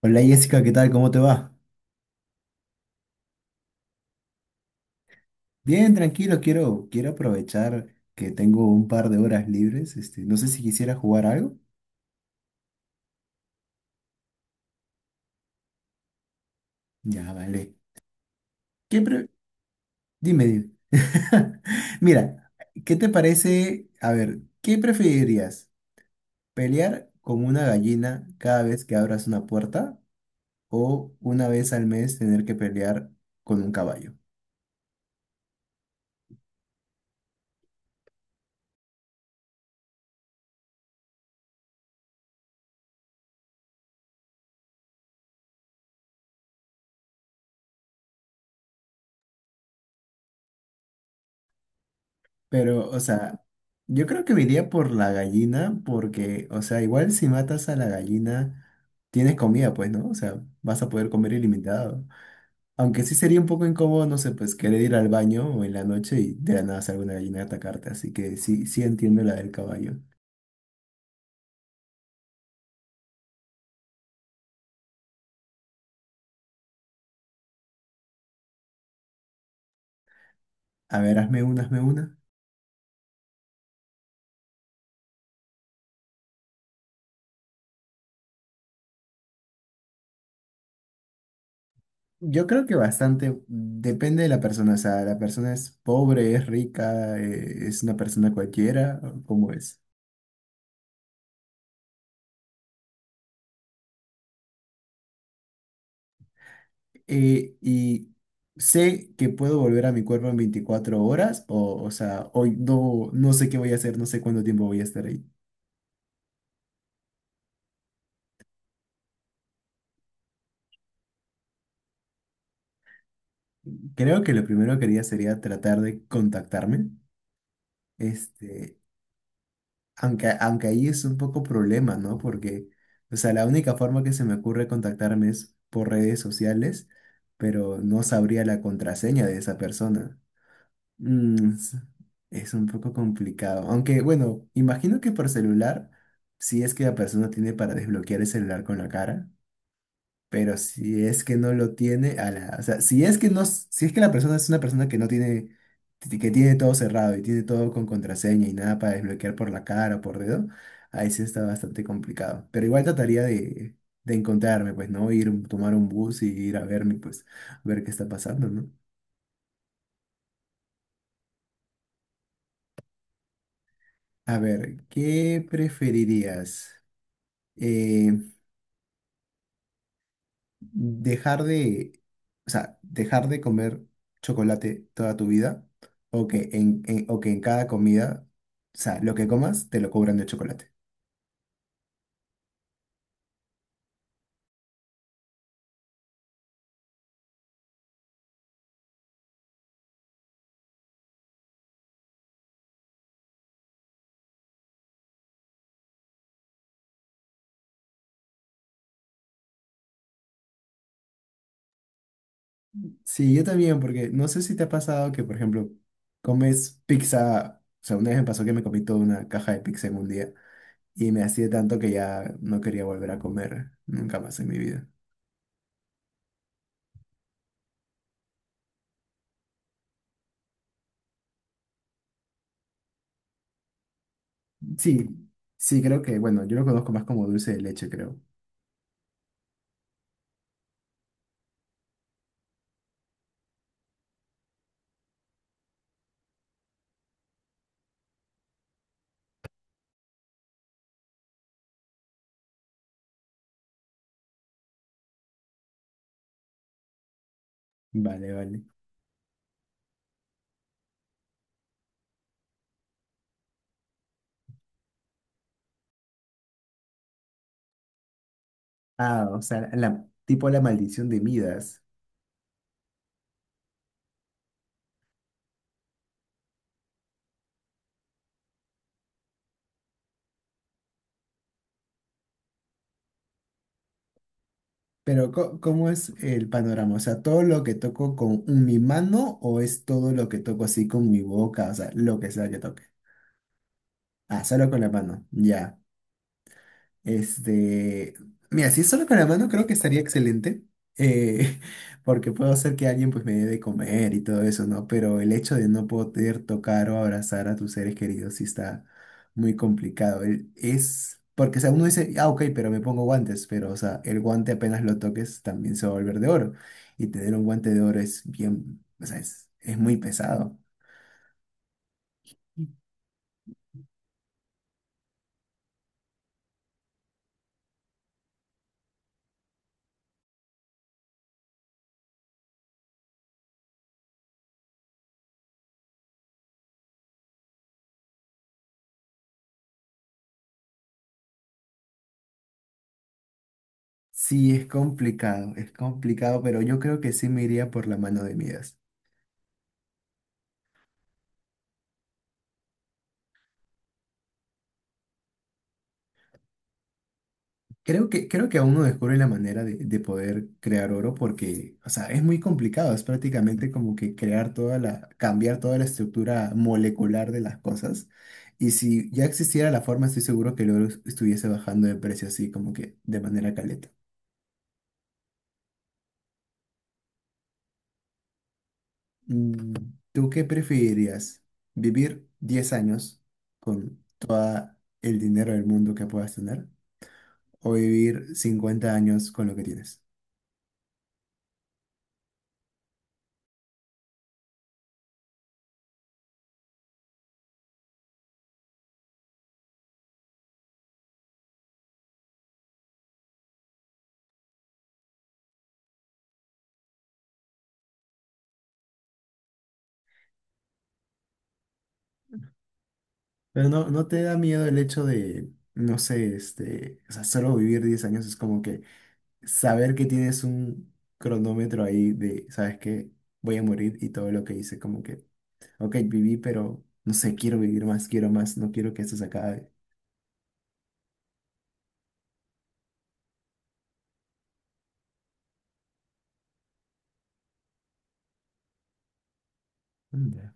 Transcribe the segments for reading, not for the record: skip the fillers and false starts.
Hola Jessica, ¿qué tal? ¿Cómo te va? Bien, tranquilo, quiero aprovechar que tengo un par de horas libres. Este, no sé si quisiera jugar algo. Ya, vale. ¿Qué pre- Dime, dime. Mira, ¿qué te parece? A ver, ¿qué preferirías? ¿Pelear con una gallina cada vez que abras una puerta o una vez al mes tener que pelear con un caballo? Pero, o sea, yo creo que me iría por la gallina porque, o sea, igual si matas a la gallina, tienes comida, pues, ¿no? O sea, vas a poder comer ilimitado. Aunque sí sería un poco incómodo, no sé, pues querer ir al baño o en la noche y de la nada salga una gallina a atacarte. Así que sí, sí entiendo la del caballo. A ver, hazme una. Yo creo que bastante depende de la persona. O sea, la persona es pobre, es rica, es una persona cualquiera, ¿cómo es? Eh, y sé que puedo volver a mi cuerpo en 24 horas, o sea, hoy no, no sé qué voy a hacer, no sé cuánto tiempo voy a estar ahí. Creo que lo primero que haría sería tratar de contactarme, este, aunque ahí es un poco problema, ¿no? Porque, o sea, la única forma que se me ocurre contactarme es por redes sociales, pero no sabría la contraseña de esa persona. Mm, es un poco complicado. Aunque, bueno, imagino que por celular, si es que la persona tiene para desbloquear el celular con la cara, pero si es que no lo tiene, a la, o sea, si es que no, si es que la persona es una persona que no tiene, que tiene todo cerrado y tiene todo con contraseña y nada para desbloquear por la cara o por dedo, ahí sí está bastante complicado. Pero igual trataría de encontrarme, pues, ¿no? Ir, tomar un bus y ir a verme, pues, ver qué está pasando, ¿no? A ver, ¿qué preferirías? Eh, dejar de, o sea, dejar de comer chocolate toda tu vida o que o que en cada comida, o sea, lo que comas te lo cobran de chocolate. Sí, yo también, porque no sé si te ha pasado que, por ejemplo, comes pizza, o sea, una vez me pasó que me comí toda una caja de pizza en un día y me hacía tanto que ya no quería volver a comer nunca más en mi vida. Sí, sí, creo que, bueno, yo lo conozco más como dulce de leche, creo. Vale, vale. Ah, o sea, la, tipo la maldición de Midas. Pero ¿cómo es el panorama? O sea, ¿todo lo que toco con mi mano o es todo lo que toco así con mi boca? O sea, lo que sea que toque. Ah, solo con la mano. Ya. Este, mira, si es solo con la mano, creo que estaría excelente, eh, porque puedo hacer que alguien pues me dé de comer y todo eso, ¿no? Pero el hecho de no poder tocar o abrazar a tus seres queridos sí está muy complicado. Es, porque o sea, uno dice, ah, ok, pero me pongo guantes, pero o sea, el guante apenas lo toques también se va a volver de oro. Y tener un guante de oro es bien, o sea, es muy pesado. Sí, es complicado, pero yo creo que sí me iría por la mano de Midas. Creo que aún no descubre la manera de poder crear oro porque, o sea, es muy complicado, es prácticamente como que crear toda la, cambiar toda la estructura molecular de las cosas. Y si ya existiera la forma, estoy seguro que el oro estuviese bajando de precio así como que de manera caleta. Mm, ¿tú qué preferirías? ¿Vivir 10 años con todo el dinero del mundo que puedas tener o vivir 50 años con lo que tienes? Pero no, no te da miedo el hecho de, no sé, este, o sea, solo vivir 10 años es como que saber que tienes un cronómetro ahí de, ¿sabes qué? Voy a morir y todo lo que hice, como que, ok, viví, pero no sé, quiero vivir más, quiero más, no quiero que esto se acabe. Mm, ya.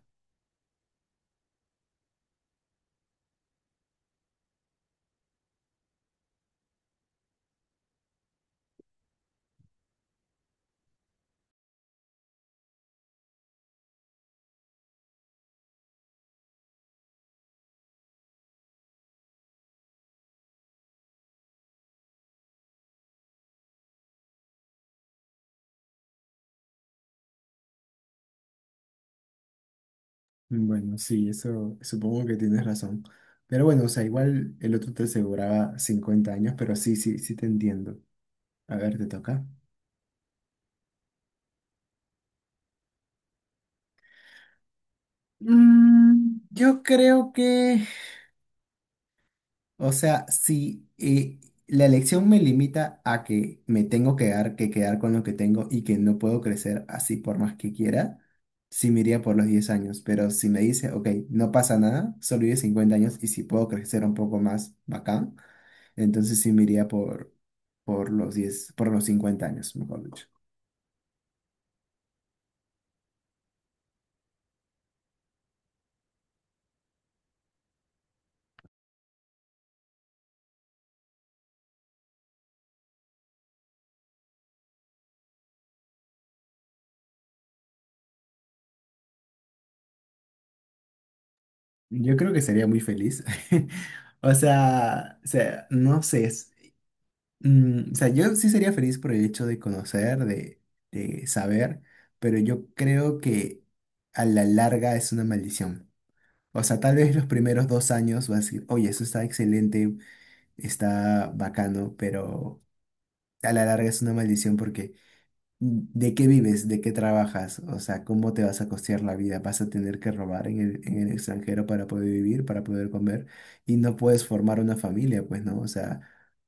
Bueno, sí, eso supongo que tienes razón. Pero bueno, o sea, igual el otro te aseguraba 50 años, pero sí, sí, sí te entiendo. A ver, te toca. Mm, yo creo que o sea, si la elección me limita a que me tengo que dar, que quedar con lo que tengo y que no puedo crecer así por más que quiera, sí me iría por los 10 años. Pero si me dice, ok, no pasa nada, solo vive 50 años y si puedo crecer un poco más, bacán, entonces sí me iría por los 10, por los 50 años, mejor dicho. Yo creo que sería muy feliz. O sea, no sé. Mm, o sea, yo sí sería feliz por el hecho de conocer, de saber, pero yo creo que a la larga es una maldición. O sea, tal vez los primeros 2 años vas a decir, oye, eso está excelente, está bacano, pero a la larga es una maldición porque ¿de qué vives? ¿De qué trabajas? O sea, ¿cómo te vas a costear la vida? ¿Vas a tener que robar en el extranjero para poder vivir, para poder comer? Y no puedes formar una familia, pues, ¿no? O sea,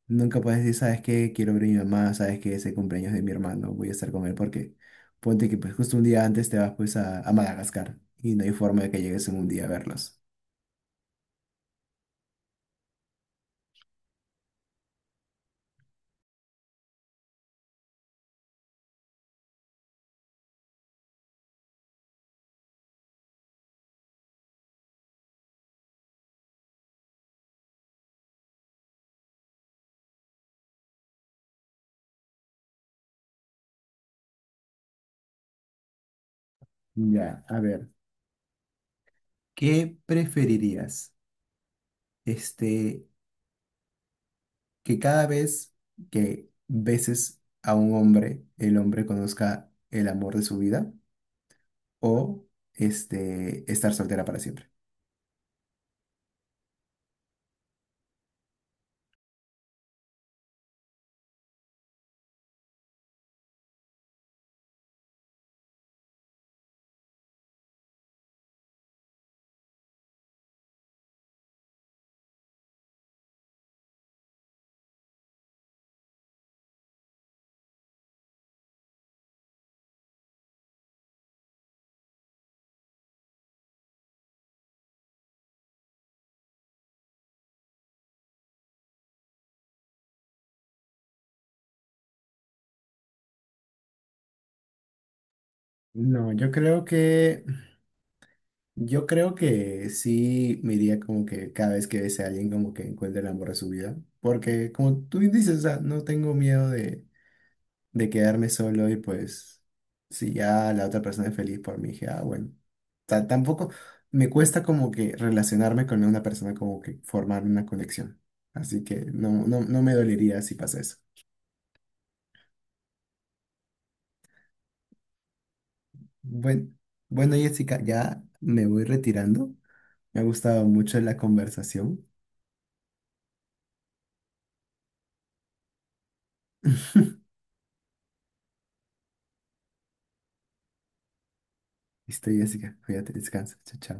nunca puedes decir, ¿sabes qué? Quiero ver a mi mamá, ¿sabes qué? Ese cumpleaños de mi hermano, voy a estar con él porque ponte que pues justo un día antes te vas pues a Madagascar y no hay forma de que llegues en un día a verlos. Ya, a ver, ¿qué preferirías? Este, que cada vez que beses a un hombre, el hombre conozca el amor de su vida o este, estar soltera para siempre. No, yo creo que sí me iría como que cada vez que bese a alguien como que encuentre el amor de su vida, porque como tú dices, o sea, no tengo miedo de quedarme solo y pues si ya la otra persona es feliz por mí, dije, ah, bueno, tampoco me cuesta como que relacionarme con una persona, como que formar una conexión. Así que no, no, no me dolería si pasa eso. Bueno, bueno, Jessica, ya me voy retirando. Me ha gustado mucho la conversación. Listo, Jessica, cuídate, descansa. Chao, chao.